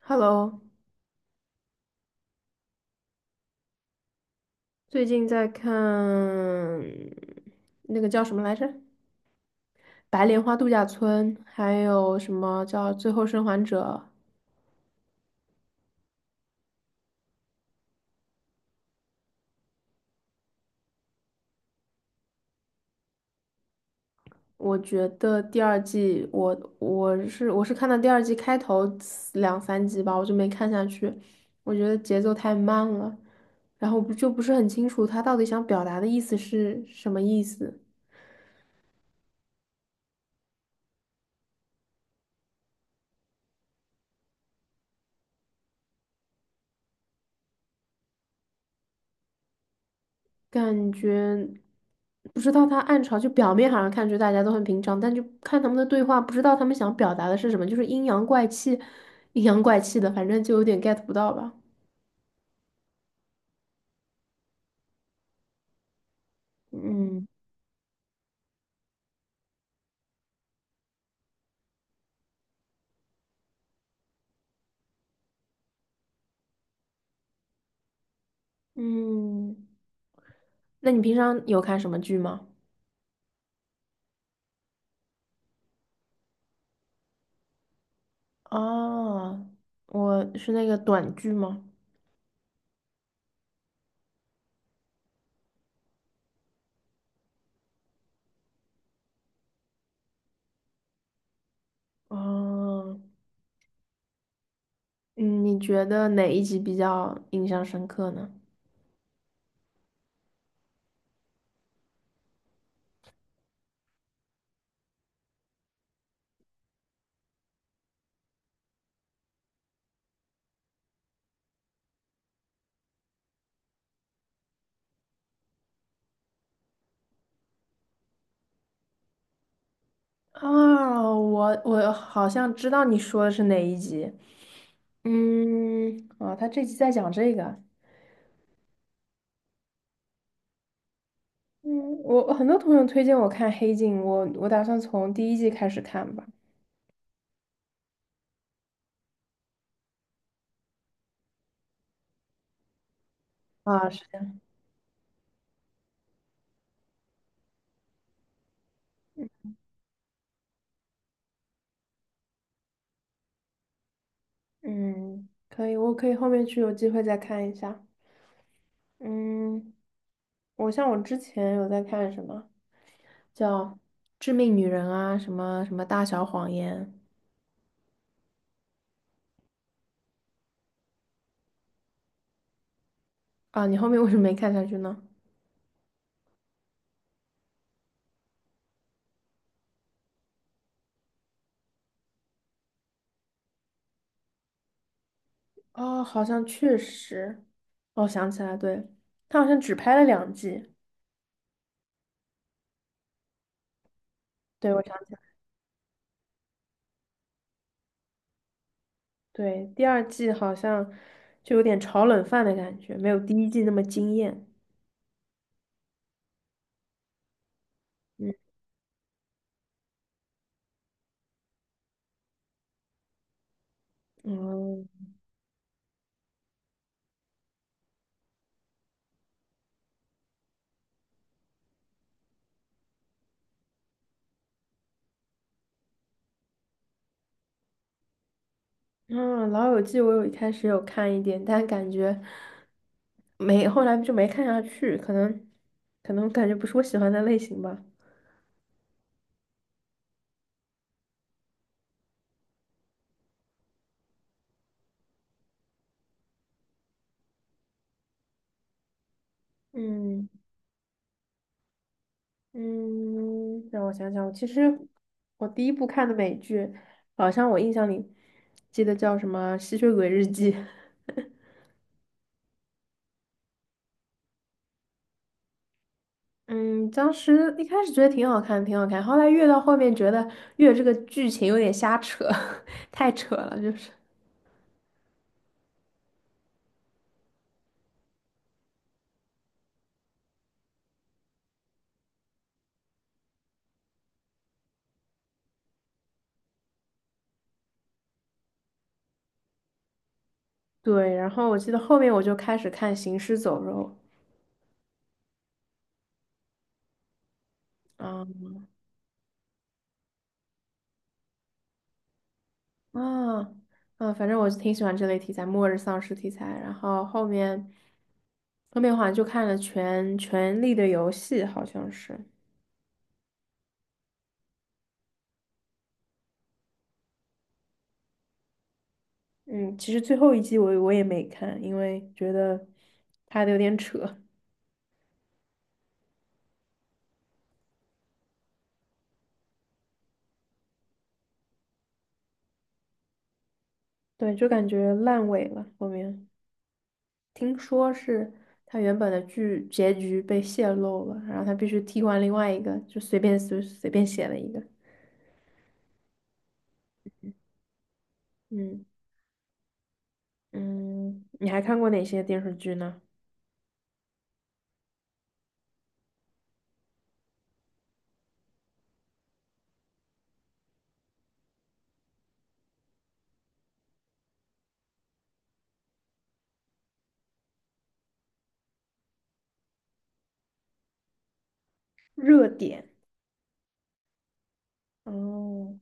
Hello，最近在看那个叫什么来着，《白莲花度假村》，还有什么叫《最后生还者》。我觉得第二季，我是看到第二季开头两三集吧，我就没看下去，我觉得节奏太慢了，然后不是很清楚他到底想表达的意思是什么意思。感觉不知道他暗潮，就表面好像看着大家都很平常，但就看他们的对话，不知道他们想表达的是什么，就是阴阳怪气，阴阳怪气的，反正就有点 get 不到吧。嗯嗯，那你平常有看什么剧吗？哦，我是那个短剧吗？哦，嗯你觉得哪一集比较印象深刻呢？啊，我好像知道你说的是哪一集。嗯，啊，他这集在讲这个。嗯，我很多朋友推荐我看《黑镜》，我打算从第一季开始看吧。啊，是的。嗯，可以，我可以后面去有机会再看一下。嗯，像我之前有在看什么叫《致命女人》啊，什么什么《大小谎言》啊，你后面为什么没看下去呢？哦，好像确实，哦，想起来，对，他好像只拍了两季。对，我想起来，对，第二季好像就有点炒冷饭的感觉，没有第一季那么惊艳。嗯，哦，嗯，《老友记》我有一开始有看一点，但感觉没，后来就没看下去，可能感觉不是我喜欢的类型吧。嗯嗯，让我想想，其实我第一部看的美剧，好像我印象里记得叫什么《吸血鬼日记》。嗯，当时一开始觉得挺好看，挺好看，后来越到后面觉得越这个剧情有点瞎扯，太扯了，就是。对，然后我记得后面我就开始看《行尸走肉》啊啊啊，反正我是挺喜欢这类题材，末日丧尸题材。然后后面好像就看了全《权力的游戏》，好像是。嗯，其实最后一季我也没看，因为觉得拍的有点扯，对，就感觉烂尾了后面。听说是他原本的剧结局被泄露了，然后他必须替换另外一个，就随便写了一个。嗯嗯，你还看过哪些电视剧呢？热点。哦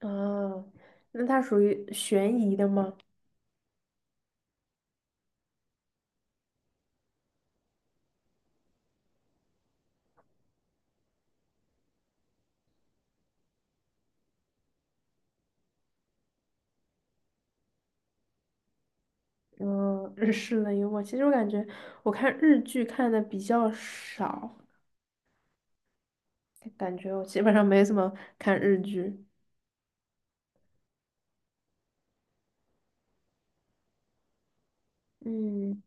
啊，那它属于悬疑的吗？嗯，日式的幽默。其实我感觉我看日剧看的比较少，感觉我基本上没怎么看日剧。嗯，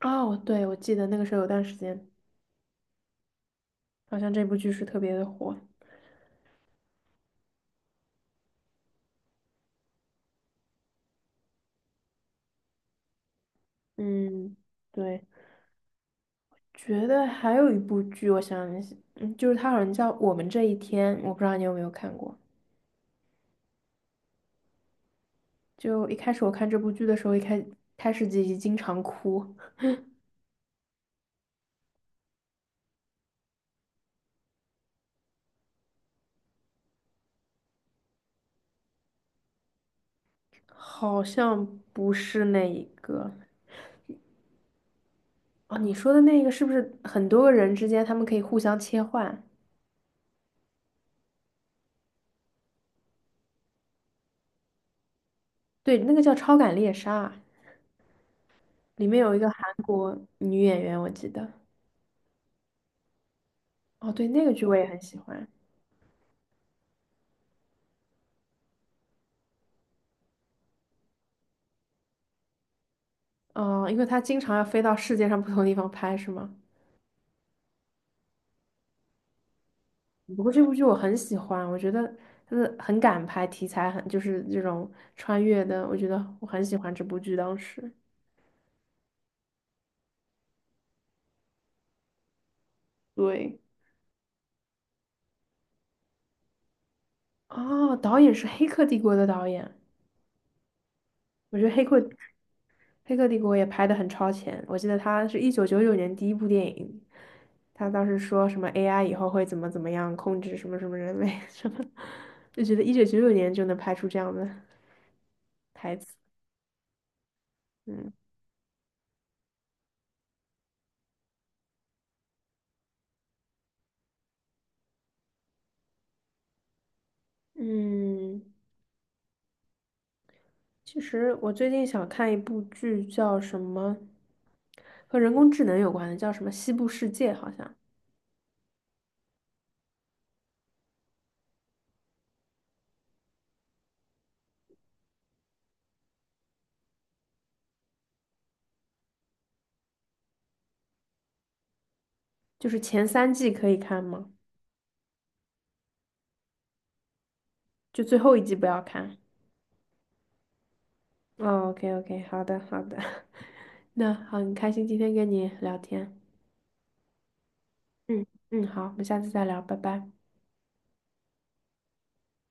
哦，对，我记得那个时候有段时间，好像这部剧是特别的火。嗯，对，觉得还有一部剧，我想一下就是它好像叫《我们这一天》，我不知道你有没有看过。就一开始我看这部剧的时候，开始自集经常哭，好像不是那一个哦，你说的那个是不是很多个人之间他们可以互相切换？对，那个叫《超感猎杀》，里面有一个韩国女演员，我记得。哦，对，那个剧我也很喜欢。哦，因为她经常要飞到世界上不同地方拍，是吗？不过这部剧我很喜欢，我觉得它的很敢拍，题材很就是这种穿越的，我觉得我很喜欢这部剧。当时对，哦，导演是《黑客帝国》的导演，我觉得《黑客帝国》也拍的很超前。我记得他是一九九九年第一部电影，他当时说什么 AI 以后会怎么样控制什么什么人类 什么，就觉得一九九九年就能拍出这样的台词，嗯嗯。其实我最近想看一部剧，叫什么和人工智能有关的，叫什么《西部世界》，好像就是前三季可以看吗？就最后一季不要看。哦，OK OK，好的好的，那好，很开心今天跟你聊天。嗯嗯，好，我们下次再聊，拜拜。